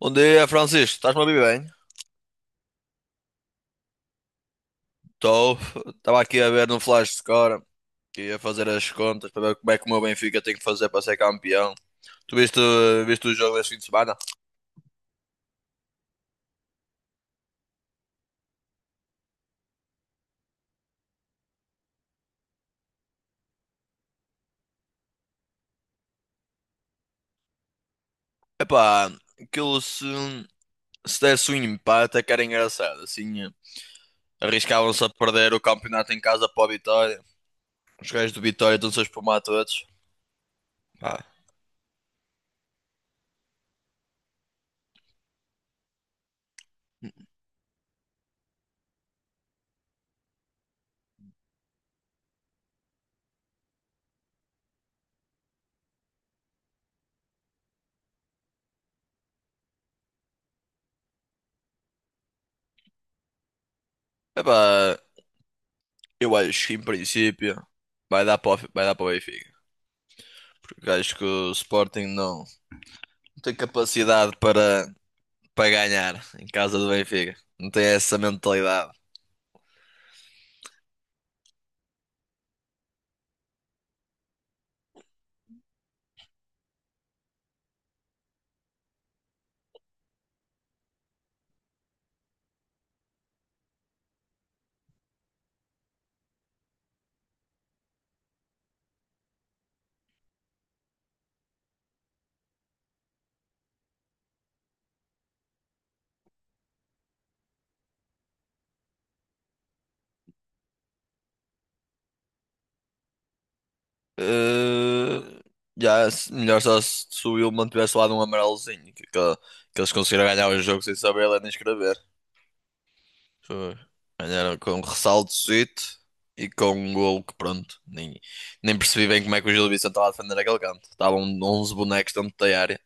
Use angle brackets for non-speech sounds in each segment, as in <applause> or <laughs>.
Bom dia, Francisco. Estás-me a ouvir bem? Estou. Estava aqui a ver no Flash Score que ia fazer as contas para ver como é que o meu Benfica tem que fazer para ser campeão. Tu viste o jogo deste fim de semana? Epá, aquilo se desse um empate é que era engraçado. Assim, arriscavam-se a perder o campeonato em casa para o Vitória. Os gajos do Vitória estão-se a espumar todos. Pá. Epá, eu acho que em princípio vai dar para o Benfica. Porque acho que o Sporting não tem capacidade para ganhar em casa do Benfica. Não tem essa mentalidade. Eh, já, melhor só se o Wilman tivesse lá de um amarelozinho, que eles conseguiram ganhar o jogo sem saber ler nem escrever. Foi. Mas era com um ressaltozito e com um golo que pronto. Nem percebi bem como é que o Gil Vicente estava a defender aquele canto. Estavam 11 bonecos dentro da área.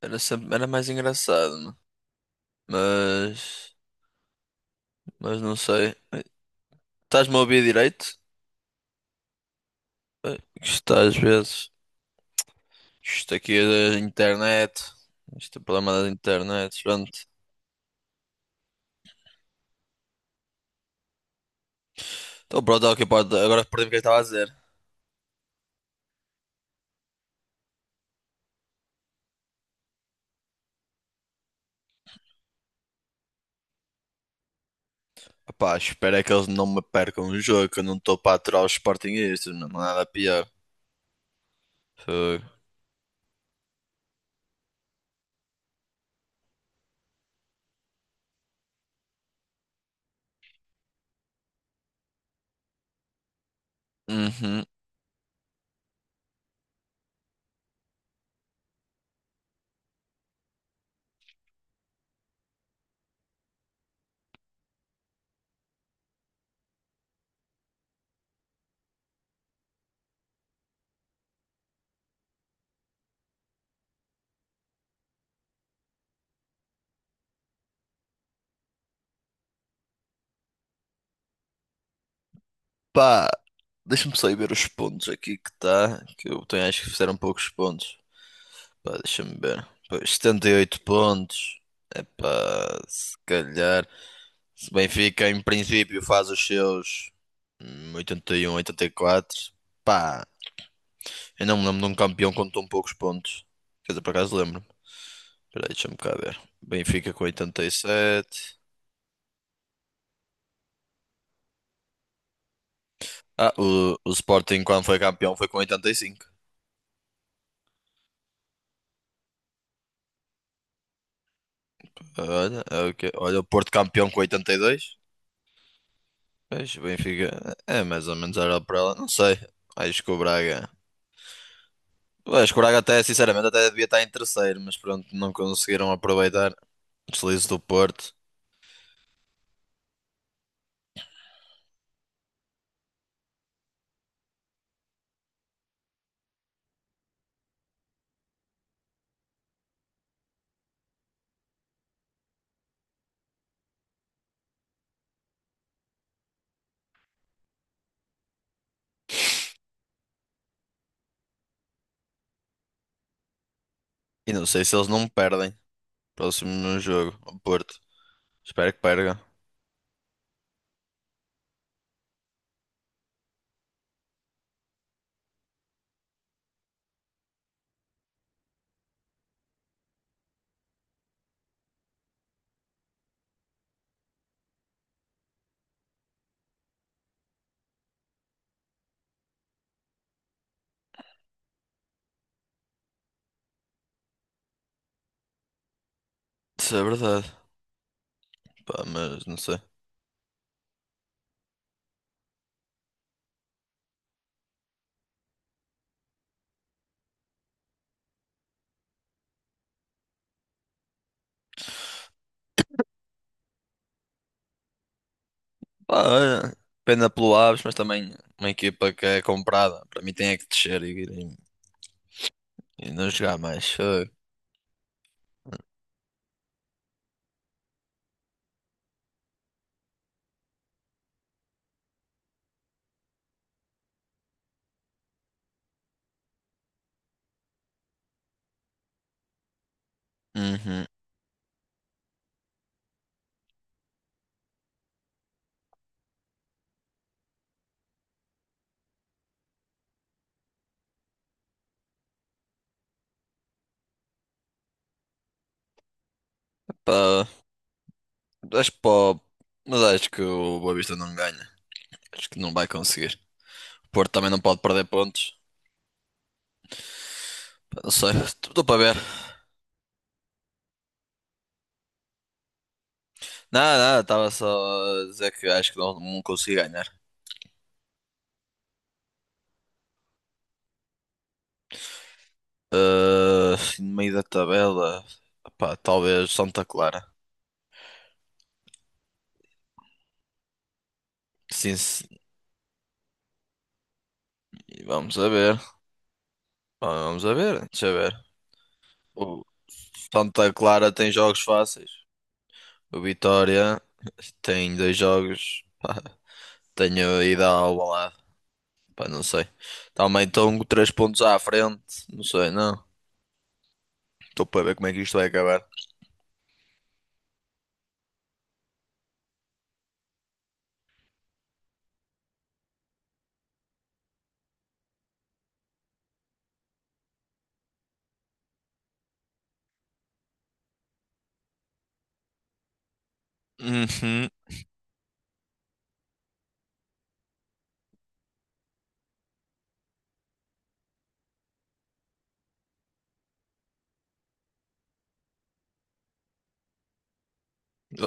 Era mais engraçado, né? Mas, mas não sei. Estás-me a ouvir direito? Isto às vezes. Isto aqui é da internet. Isto é problema da internet. Pronto. Então pronto, é o que pode. Agora perdi o que eu estava a dizer. Epá, espero é que eles não me percam o jogo, que eu não estou para aturar os Sportingistas, não há nada pior. Foi. Uhum. Pá, deixa-me só ir ver os pontos aqui que está. Que eu tenho, acho que fizeram poucos pontos. Pá, deixa-me ver. Pois, 78 pontos. É pá, se calhar. Se o Benfica, em princípio, faz os seus 81, 84. Pá, eu não me lembro de um campeão com tão poucos pontos. Quer dizer, por acaso lembro-me. Espera aí, deixa-me cá ver. Benfica com 87. Ah, o Sporting, quando foi campeão, foi com 85. Olha, é o que- olha, o Porto campeão com 82. Pois, o Benfica é mais ou menos era para ela. Não sei. Acho que o Braga. Acho que o Braga até, sinceramente, até devia estar em terceiro, mas pronto, não conseguiram aproveitar o deslize do Porto. E não sei se eles não perdem. Próximo no jogo, o Porto. Espero que perca. Isso é verdade. Pá, mas não sei. Pá, olha, pena pelo Aves, mas também uma equipa que é comprada. Para mim tem é que descer e não jogar mais. Foi. Uhum. Pá, acho que pá, mas acho que o Boa Vista não ganha. Acho que não vai conseguir. O Porto também não pode perder pontos. Pá, não sei, <laughs> estou para ver. Nada, nada, estava só a dizer que acho que não consigo ganhar. Ah, no meio da tabela, pá, talvez Santa Clara. Sim, vamos a ver. Vamos a ver, deixa eu ver. O Santa Clara tem jogos fáceis. O Vitória tem dois jogos. Pá, tenho ido ao Alvalade. Pá, não sei. Também estão três pontos à frente. Não sei, não. Estou para ver como é que isto vai acabar. Uhum.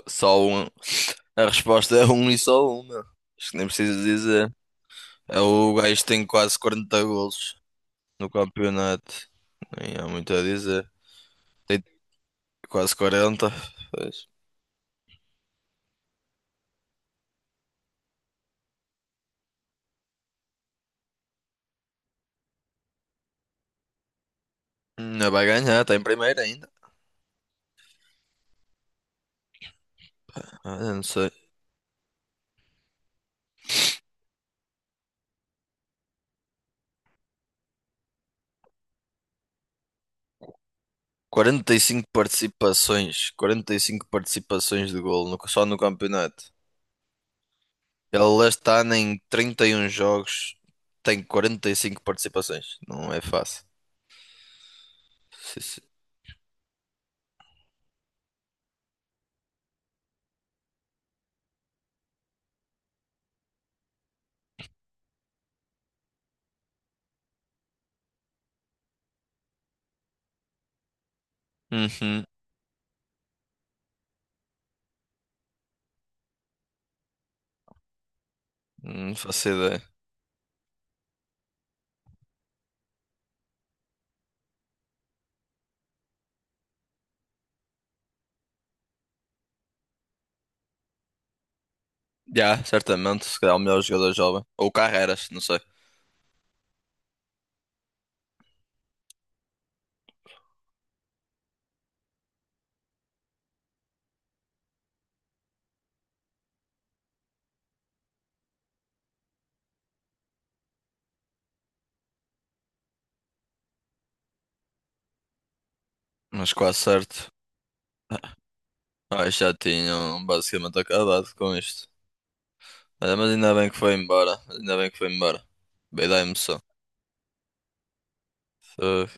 Só um. A resposta é um e só uma. Acho que nem preciso dizer. É o gajo que tem quase 40 golos no campeonato. Nem há muito a dizer. Tem quase 40. Pois. Ainda vai ganhar, está em primeiro ainda. Ah, eu não sei. 45 participações, 45 participações de golo só no campeonato. Ele está em 31 jogos, tem 45 participações. Não é fácil. Sim, sim. Uhum. Não faço ideia. Já, certamente, se calhar o melhor jogador jovem. Ou Carreras, não sei. Mas quase certo. Ah, já tinham basicamente acabado com isto. Ah, mas ainda bem que foi embora. Ainda bem que foi embora. Bem da emoção. Foi.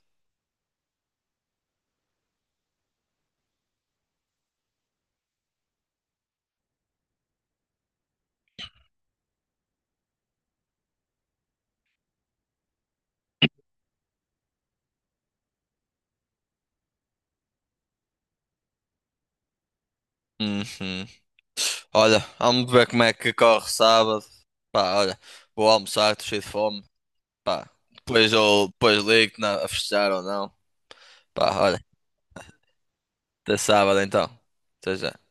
Uhum. Olha, vamos ver como é que corre sábado. Pá, olha, vou almoçar, estou cheio de fome. Pá, depois eu depois ligo-te a festejar ou não. Pá, olha, até sábado então. Até já.